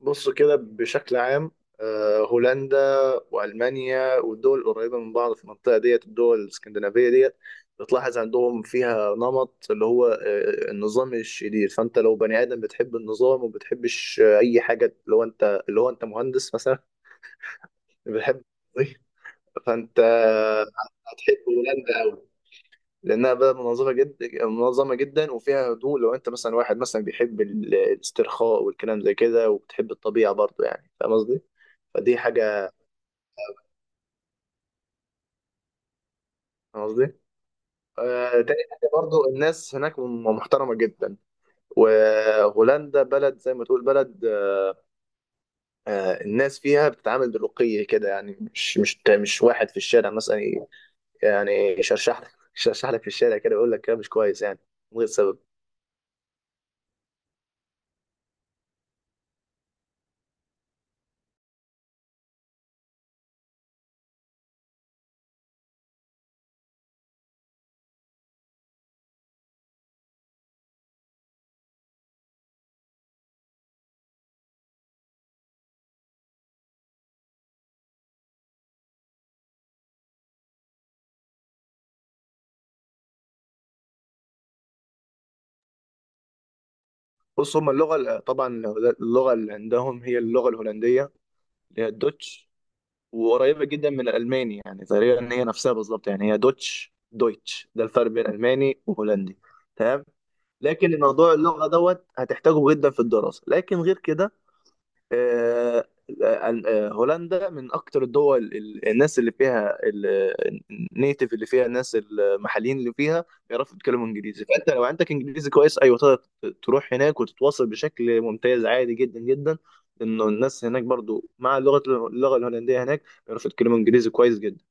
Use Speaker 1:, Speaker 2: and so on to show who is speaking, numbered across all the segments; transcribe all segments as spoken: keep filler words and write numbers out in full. Speaker 1: بص كده بشكل عام، آه، هولندا وألمانيا والدول القريبة من بعض في المنطقة ديت، الدول الاسكندنافية ديت، بتلاحظ عندهم فيها نمط اللي هو آه، النظام الشديد. فأنت لو بني آدم بتحب النظام وبتحبش آه، أي حاجة، اللي هو أنت اللي هو أنت مهندس مثلا بتحب فأنت هتحب هولندا أوي، لأنها بلد منظمة جدا منظمة جدا وفيها هدوء. لو أنت مثلا واحد مثلا بيحب ال- الاسترخاء والكلام زي كده وبتحب الطبيعة برضه، يعني فاهم قصدي؟ فدي حاجة. فاهم قصدي. آه، تاني حاجة برضو الناس هناك م- محترمة جدا، وهولندا بلد زي ما تقول بلد. آه، الناس فيها بتتعامل برقي كده يعني، مش مش مش واحد في الشارع مثلا ي- يعني يشرشح لك يشرشح لك في الشارع كده، يقول لك كلام مش كويس يعني، من غير سبب. بص، هما اللغة ال- طبعا اللغة اللي عندهم هي اللغة الهولندية، اللي هي الدوتش، وقريبه جدا من الالماني، يعني تقريبا ان هي نفسها بالظبط، يعني هي دوتش دويتش، ده الفرق بين الماني وهولندي. تمام. لكن الموضوع اللغه دوت هتحتاجه جدا في الدراسه، لكن غير كده آه، آه، هولندا من اكتر الدول ال- الناس اللي فيها النيتيف، اللي فيها الناس المحليين اللي فيها بيعرفوا يتكلموا انجليزي، فانت لو عندك انجليزي كويس ايوه تقدر تروح هناك وتتواصل بشكل ممتاز عادي جدا جدا، لانه الناس هناك برضو مع اللغه اللغه الهولنديه هناك بيعرفوا يتكلموا انجليزي كويس جدا.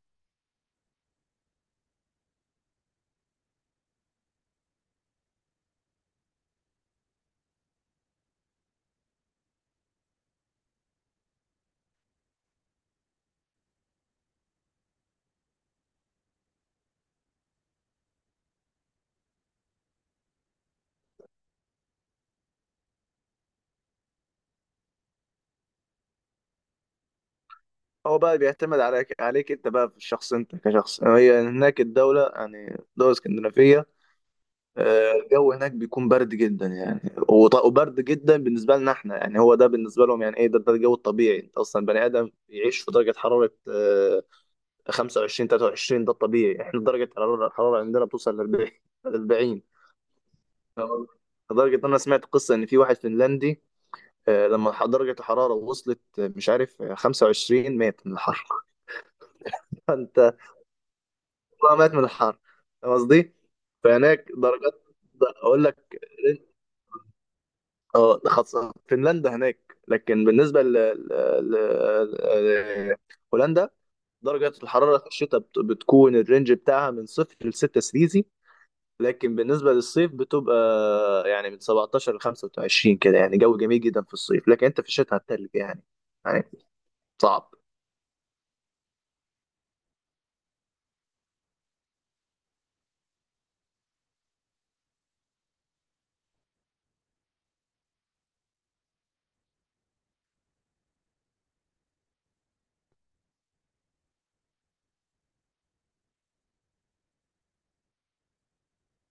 Speaker 1: هو بقى بيعتمد عليك عليك انت بقى، في الشخص انت كشخص، هي هناك الدوله يعني دوله اسكندنافيه. آه، الجو هناك بيكون برد جدا يعني، وط- وبرد جدا بالنسبة لنا احنا. يعني هو ده بالنسبة لهم يعني ايه، ده ده الجو الطبيعي. انت اصلا بني ادم يعيش في درجة حرارة آه، خمسة وعشرين ثلاثة وعشرين، ده الطبيعي. احنا درجة حرارة الحرارة عندنا بتوصل ل أربعين أربعين. لدرجة ان انا سمعت قصة ان في واحد فنلندي، آه، لما ح- درجة الحرارة وصلت، آه، مش عارف، آه، خمسة وعشرين، مات من الحر. انت مات من الحر، فاهم قصدي؟ فهناك درجات، اقول لك. اه خاصة فنلندا هناك، لكن بالنسبة ل... ل... ل... آه، هولندا، درجة الحرارة في الشتاء بت... بتكون الرينج بتاعها من صفر لستة سليزي. لكن بالنسبة للصيف بتبقى يعني من سبعتاشر ل خمسة وعشرين كده، يعني جو جميل جدا في الصيف، لكن انت في الشتاء هتتلج يعني. يعني صعب.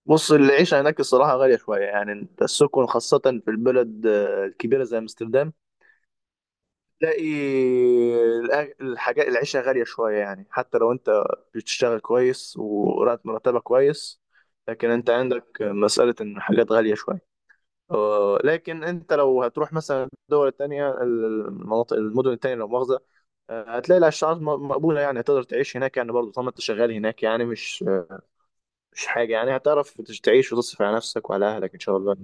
Speaker 1: بص العيشة هناك الصراحة غالية شوية يعني. انت السكن خاصة في البلد آه، الكبيرة زي امستردام، تلاقي الأ- الحاجات العيشة غالية شوية يعني، حتى لو انت بتشتغل كويس وراتب مرتبك كويس، لكن انت عندك مسألة ان الحاجات غالية شوية. آه، لكن انت لو هتروح مثلا الدول التانية، المناطق، المدن التانية، لو مؤاخذة، آه، هتلاقي الأسعار م- مقبولة يعني، هتقدر تعيش هناك يعني برضه، طالما انت شغال هناك يعني، مش آه، مش حاجة يعني. هتعرف تعيش وتصرف على نفسك وعلى أهلك إن شاء الله.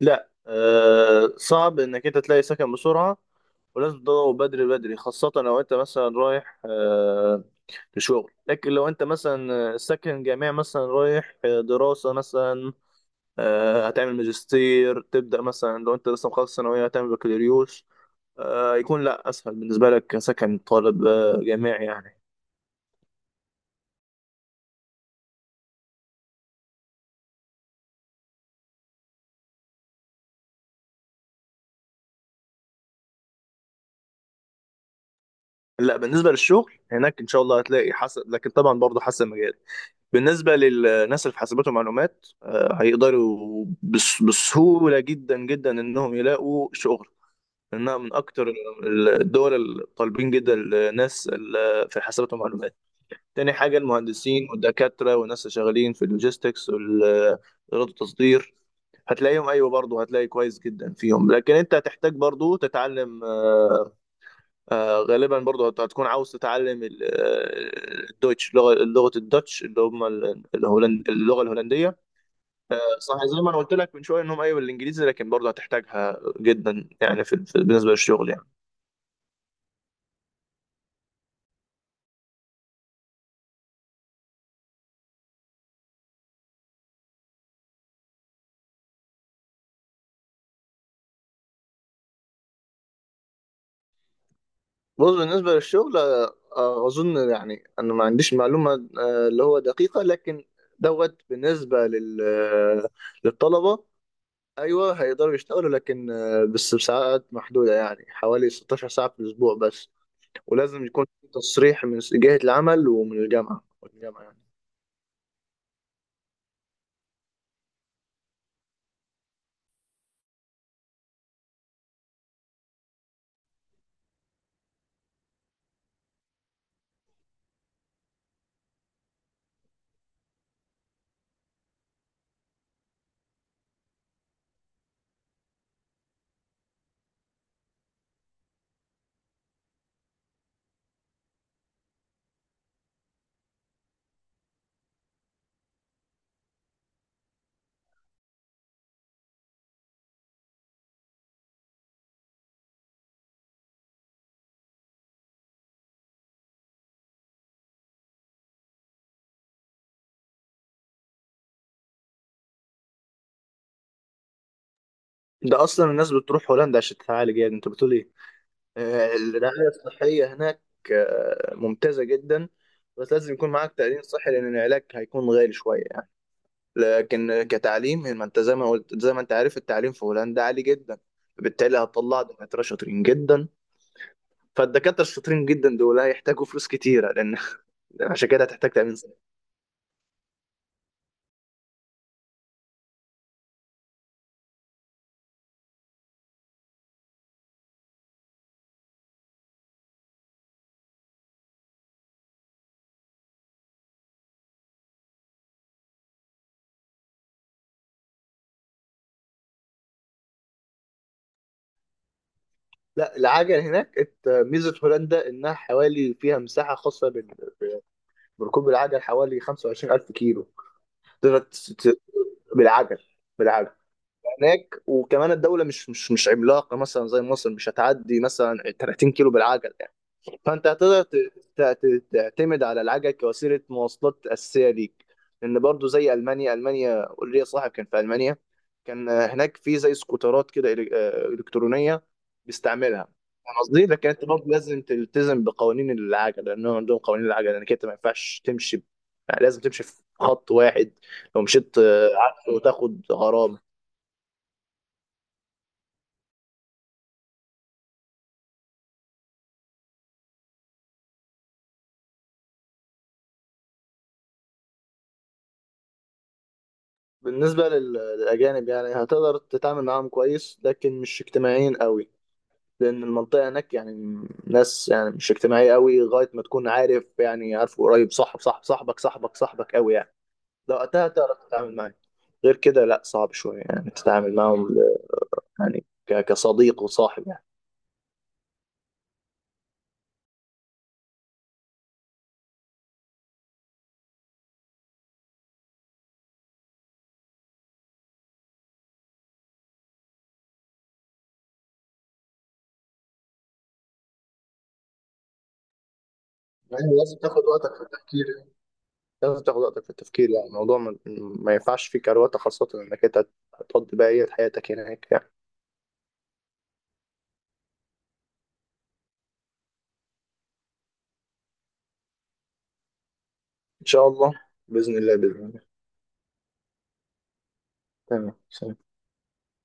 Speaker 1: لا آه، صعب انك انت تلاقي سكن بسرعه، ولازم تدور بدري بدري. خاصة لو انت مثلا رايح آه، لشغل، لكن لو انت مثلا ساكن جامعي، مثلا رايح آه، دراسة مثلا، آه، هتعمل ماجستير، تبدأ مثلا لو انت لسه مخلص ثانوية هتعمل بكالوريوس، آه، يكون لا اسهل بالنسبة لك كسكن طالب آه، جامعي يعني. لا بالنسبة للشغل هناك ان شاء الله هتلاقي، حسب، لكن طبعا برضه حسب المجال. بالنسبة للناس اللي في حاسبات ومعلومات، آه، هيقدروا بس- بسهولة جدا جدا إنهم يلاقوا شغل، إنها من أكتر الدول الطالبين جدا الناس ال- في حاسبات ومعلومات. تاني حاجة المهندسين والدكاترة والناس اللي شغالين في اللوجيستكس والإدارة التصدير، هتلاقيهم أيوة برضه، هتلاقي كويس جدا فيهم. لكن أنت هتحتاج برضه تتعلم آه، آه، غالبا برضو هت- هتكون عاوز تتعلم ال- آه، الدويتش، لغة لغة الدوتش، اللي هم ال- الهولند، اللغة الهولندية. آه، صح، زي ما انا قلت لك من شوية انهم ايوه الانجليزي، لكن برضو هتحتاجها جدا يعني في في- بالنسبة للشغل يعني. بص بالنسبة للشغل، آه، آه، اظن يعني انا ما عنديش معلومة آه، اللي هو دقيقة. لكن دوت بالنسبة لل آه، للطلبة، ايوه هيقدروا يشتغلوا، لكن آه، بس بساعات محدودة، يعني حوالي ستاشر ساعة في الاسبوع بس. ولازم يكون في تصريح من جهة العمل ومن الجامعة والجامعة يعني. ده أصلا الناس بتروح هولندا عشان تتعالج، يعني أنت بتقول إيه؟ آه، الرعاية الصحية هناك آه، ممتازة جدا، بس لازم يكون معاك تأمين صحي، لأن العلاج هيكون غالي شوية يعني. لكن كتعليم، ما أنت زي ما قلت، زي ما أنت عارف، التعليم في هولندا عالي جدا، بالتالي هتطلع دكاترة شاطرين جدا. فالدكاترة الشاطرين جدا دول هيحتاجوا فلوس كتيرة لأن عشان كده هتحتاج تأمين. لا، العجل هناك، ات- ميزة هولندا إنها حوالي فيها مساحة خاصة بال- بركوب العجل، حوالي خمسة وعشرين ألف كيلو تقدر تس- ت- بالعجل. بالعجل هناك، وكمان الدولة مش مش مش عملاقة مثلا زي مصر، مش هتعدي مثلا تلاتين كيلو بالعجل. فانت هتقدر ت- ت- ت- تعتمد على العجل كوسيله مواصلات اساسيه ليك. لان برضو زي المانيا، المانيا ليا صاحب كان في المانيا، كان هناك في زي سكوترات كده إلك- آه، الكترونيه بيستعملها. فاهم قصدي. لكن انت برضو لازم تلتزم بقوانين العجل، لانهم عندهم قوانين العجل انك انت ما ينفعش تمشي ب- يعني لازم تمشي في خط واحد، لو مشيت آه، عكسه وتاخد غرامه. بالنسبه لل- للاجانب، يعني هتقدر تتعامل معاهم كويس، لكن مش اجتماعيين قوي. لان المنطقه هناك يعني ناس يعني مش اجتماعيه قوي، لغايه ما تكون عارف، يعني عارف قريب، صاحب صاحب صاحبك صاحبك صاحبك قوي يعني. لو وقتها تعرف تتعامل معاه، غير كده لا صعب شويه يعني تتعامل معاهم، يعني ك- كصديق وصاحب يعني. يعني لازم تاخد وقتك في التفكير يعني. لازم تاخد وقتك في التفكير، يعني الموضوع ما, ما ينفعش فيه كروته، خاصة انك انت هتقضي بقية حياتك هناك يعني. ان شاء الله. بإذن الله، بإذن الله. تمام. سلام.